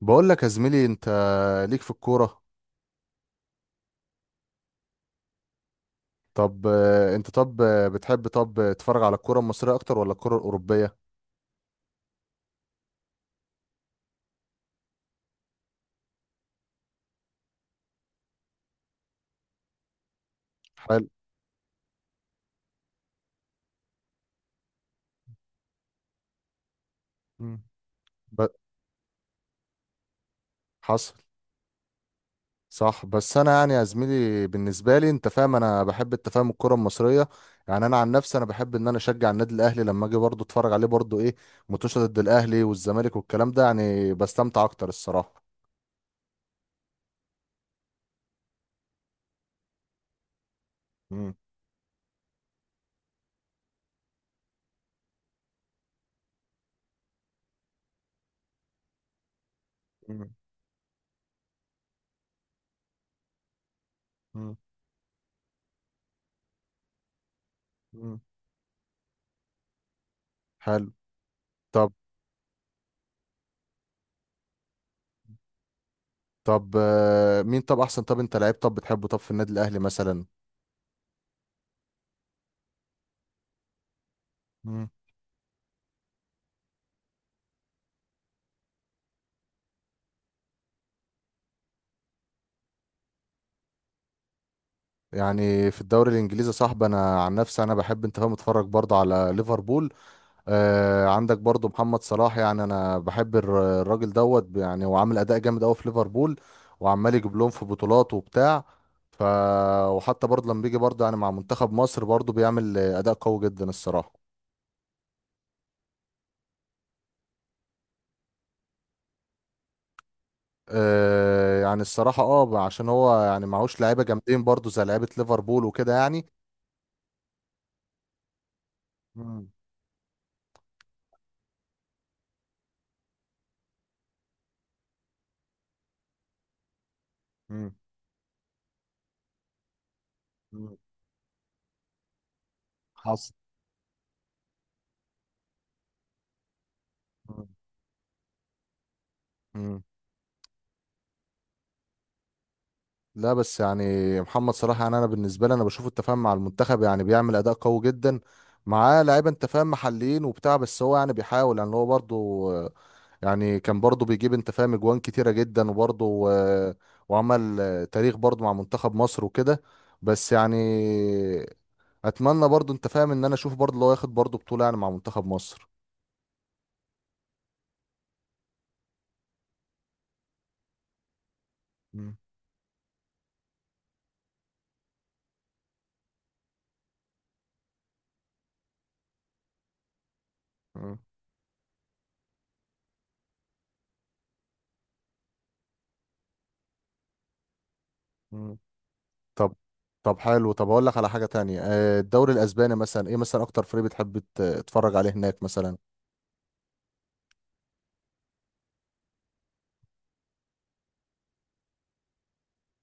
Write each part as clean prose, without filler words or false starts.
بقول لك يا زميلي انت ليك في الكورة. طب آه، انت طب آه، بتحب طب تتفرج على الكورة المصرية اكتر ولا الكورة الأوروبية؟ حلو. مم. ب... حصل. صح، بس انا يعني يا زميلي بالنسبة لي انت فاهم انا بحب انت فاهم الكورة المصرية. يعني انا عن نفسي انا بحب ان انا اشجع النادي الاهلي، لما اجي برضه اتفرج عليه برضه ايه متوشة ضد الاهلي والزمالك والكلام ده، يعني بستمتع اكتر الصراحة. مم. مم. مم. مم. حلو. طب. طب آه، مين طب احسن طب انت لعيب طب بتحبه طب في النادي الاهلي مثلا؟ مم. يعني في الدوري الانجليزي يا صاحبي انا عن نفسي انا بحب انت فاهم اتفرج برضه على ليفربول. آه، عندك برضه محمد صلاح، يعني انا بحب الراجل دوت، يعني هو عامل اداء جامد قوي في ليفربول وعمال يجيب لهم في بطولات وبتاع. ف وحتى برضه لما بيجي برضه يعني مع منتخب مصر برضه بيعمل اداء قوي جدا الصراحه. آه يعني الصراحه عشان هو يعني معهوش لعيبه جامدين برضه زي لعيبه ليفربول وكده يعني. مم. مم. مم. حصل. مم. لا بس يعني، محمد صلاح يعني انا بالنسبه لي انا بشوفه انت فاهم مع المنتخب يعني بيعمل اداء قوي جدا، معاه لعيبه انت فاهم محليين وبتاع، بس هو يعني بيحاول يعني هو برضه آه، يعني كان برضه بيجيب انت فاهم اجوان كتيره جدا، وبرضه آه، وعمل آه، تاريخ برضه مع منتخب مصر وكده. بس يعني اتمنى برضه انت فاهم ان انا اشوف برضه لو ياخد برضه بطوله يعني مع منتخب مصر. مم. مم. طب. طب حلو، طب هقول لك على حاجة تانية. آه، الدوري الأسباني مثلا، إيه مثلا أكتر فريق بتحب تتفرج عليه هناك مثلا؟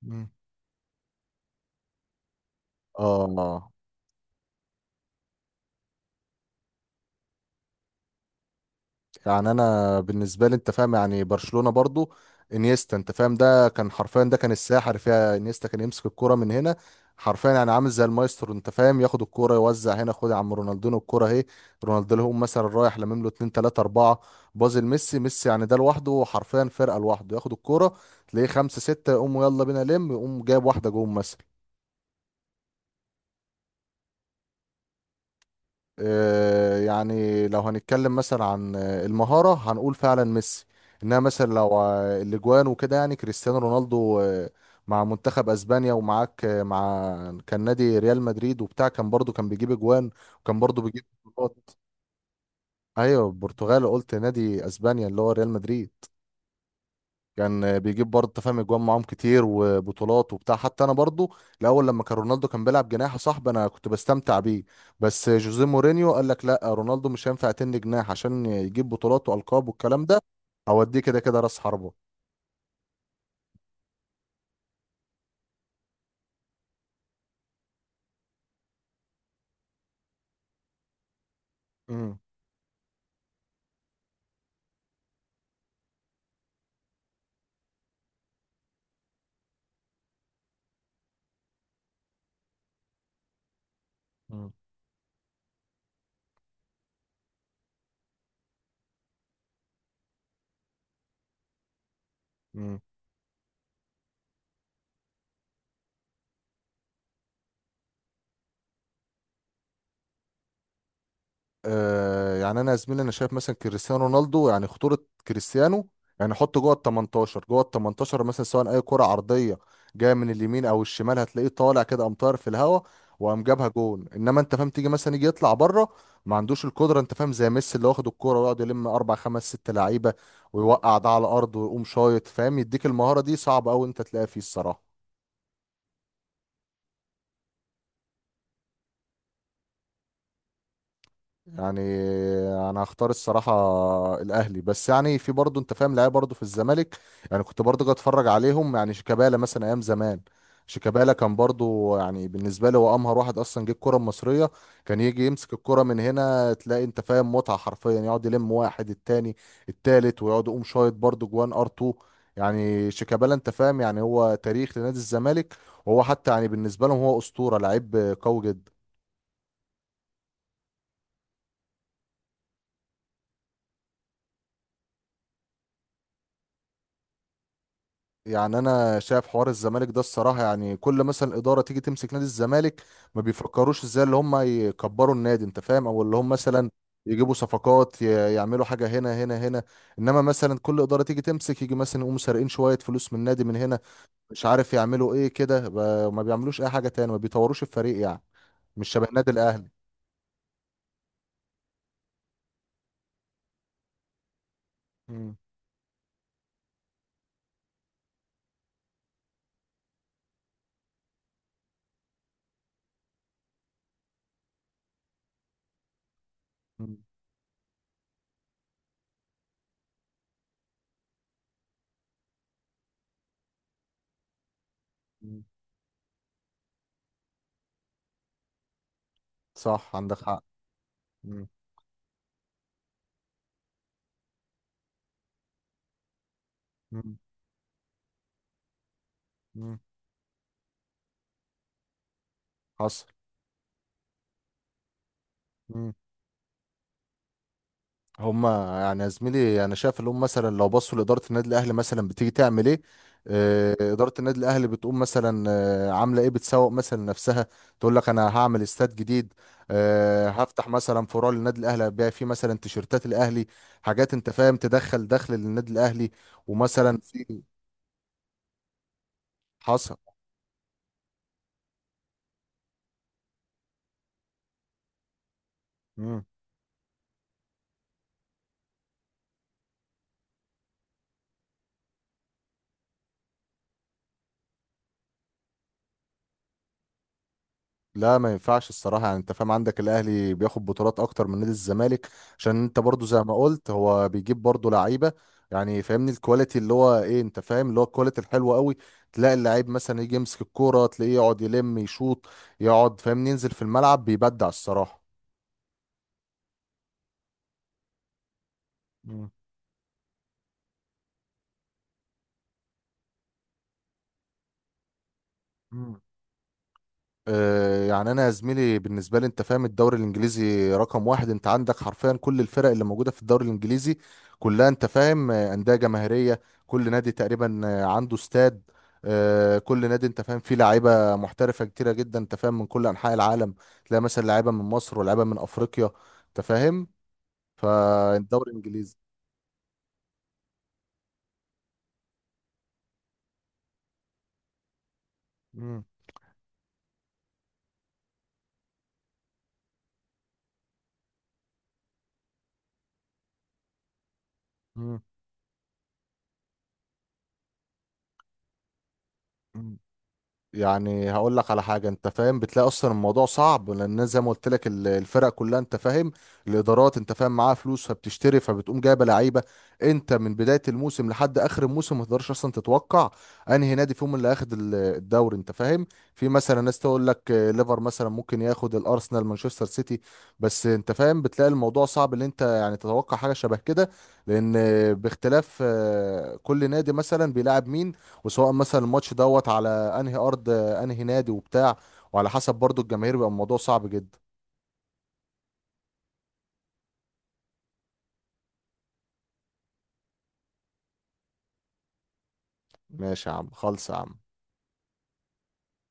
مم. آه يعني انا بالنسبه لي انت فاهم يعني برشلونه برضو، انيستا، انت فاهم ده كان حرفيا ده كان الساحر فيها. انيستا كان يمسك الكرة من هنا حرفيا، يعني عامل زي المايسترو انت فاهم، ياخد الكرة يوزع هنا، خد يا عم رونالدينو الكرة اهي. رونالدينو هو مثلا رايح لامم له 2 3 4 بازل. ميسي يعني ده لوحده حرفيا فرقه لوحده، ياخد الكرة تلاقيه 5 6 يقوم يلا بينا لم، يقوم جايب واحده جون مثلا. آه، يعني لو هنتكلم مثلا عن آه، المهارة هنقول فعلا ميسي. انها مثلا لو آه، الاجوان وكده يعني كريستيانو رونالدو آه، مع منتخب اسبانيا، ومعاك آه، مع كان نادي ريال مدريد وبتاع، كان برضو كان بيجيب اجوان وكان برضو بيجيب بطولات. ايوه البرتغال، قلت نادي اسبانيا اللي هو ريال مدريد. كان بيجيب برضه أنت فاهم اجوان معاهم كتير وبطولات وبتاع. حتى انا برضه الاول لما كان رونالدو كان بيلعب جناح يا صاحبي انا كنت بستمتع بيه، بس جوزيه مورينيو قال لك لا رونالدو مش هينفع تني جناح عشان يجيب بطولات والقاب والكلام ده. اوديه كده كده راس حربة. امم. مم. آه يعني انا يا زميلي انا شايف مثلا كريستيانو رونالدو يعني خطوره. كريستيانو يعني حطه جوه ال 18، جوه ال 18 مثلا، سواء اي كره عرضيه جايه من اليمين او الشمال هتلاقيه طالع كده، قام طاير في الهواء وقام جابها جون. انما انت فاهم تيجي مثلا يجي يطلع بره، ما عندوش القدره انت فاهم زي ميسي اللي واخد الكوره ويقعد يلم اربع خمس ست لعيبه ويوقع ده على الارض ويقوم شايط فاهم. يديك المهاره دي صعب قوي انت تلاقيها فيه الصراحه. يعني انا هختار الصراحه الاهلي، بس يعني في برضه انت فاهم لعيبه برضه في الزمالك. يعني كنت برضه جاي اتفرج عليهم، يعني شيكابالا مثلا ايام زمان. شيكابالا كان برضه يعني بالنسبه لي هو امهر واحد اصلا جه الكره المصريه. كان يجي يمسك الكره من هنا تلاقي انت فاهم متعه حرفيا، يقعد يلم واحد التاني التالت ويقعد يقوم شايط برضه جوان ار 2. يعني شيكابالا انت فاهم يعني هو تاريخ لنادي الزمالك، وهو حتى يعني بالنسبه لهم هو اسطوره لعيب قوي جدا. يعني انا شايف حوار الزمالك ده الصراحه، يعني كل مثلا اداره تيجي تمسك نادي الزمالك ما بيفكروش ازاي اللي هم يكبروا النادي انت فاهم، او اللي هم مثلا يجيبوا صفقات، يعملوا حاجه هنا. انما مثلا كل اداره تيجي تمسك يجي مثلا يقوموا سارقين شويه فلوس من النادي من هنا، مش عارف يعملوا ايه كده، ما بيعملوش اي حاجه تاني، ما بيطوروش الفريق يعني، مش شبه النادي الاهلي. مم. مم. مم. صح عندك حق. مم. مم. مم. حصل. هما يعني يا زميلي انا شايف اللي هم مثلا لو بصوا لاداره النادي الاهلي مثلا بتيجي تعمل ايه. آه، اداره النادي الاهلي بتقوم مثلا آه، عامله ايه، بتسوق مثلا نفسها، تقول لك انا هعمل استاد جديد، آه، هفتح مثلا فروع للنادي الاهلي هبيع فيه مثلا تيشيرتات الاهلي، حاجات انت فاهم تدخل دخل للنادي الاهلي. ومثلا في. حصل. لا ما ينفعش الصراحة، يعني انت فاهم عندك الاهلي بياخد بطولات اكتر من نادي الزمالك، عشان انت برضو زي ما قلت هو بيجيب برضو لعيبة. يعني فاهمني الكواليتي اللي هو ايه انت فاهم، اللي هو الكواليتي الحلوة قوي، تلاقي اللعيب مثلا يجي يمسك الكورة تلاقيه يقعد يلم يشوط يقعد فاهمني، ينزل في الملعب بيبدع الصراحة. مم. آه، يعني انا يا زميلي بالنسبه لي انت فاهم الدوري الانجليزي رقم واحد. انت عندك حرفيا كل الفرق اللي موجوده في الدوري الانجليزي كلها انت فاهم آه، انديه جماهيريه، كل نادي تقريبا آه، عنده استاد، آه، كل نادي انت فاهم فيه لعيبه محترفه كتيره جدا انت فاهم من كل انحاء العالم، تلاقي مثلا لعيبه من مصر ولاعيبه من افريقيا انت فاهم، فالدوري الانجليزي. مم، مم. مم. يعني هقول لك على حاجه انت فاهم بتلاقي اصلا الموضوع صعب، لان زي ما قلت لك الفرق كلها انت فاهم، الادارات انت فاهم معاها فلوس فبتشتري فبتقوم جايبه لعيبه. انت من بدايه الموسم لحد اخر الموسم ما تقدرش اصلا تتوقع انهي نادي فيهم اللي هياخد الدوري انت فاهم. في مثلا ناس تقول لك آه، ليفر مثلا ممكن ياخد الارسنال مانشستر سيتي، بس انت فاهم بتلاقي الموضوع صعب ان انت يعني تتوقع حاجه شبه كده، لان آه، باختلاف آه، كل نادي مثلا بيلعب مين، وسواء مثلا الماتش دوت على انهي ارض انهي نادي وبتاع، وعلى حسب برضو الجماهير بيبقى الموضوع صعب جدا. ماشي يا عم خالص يا عم.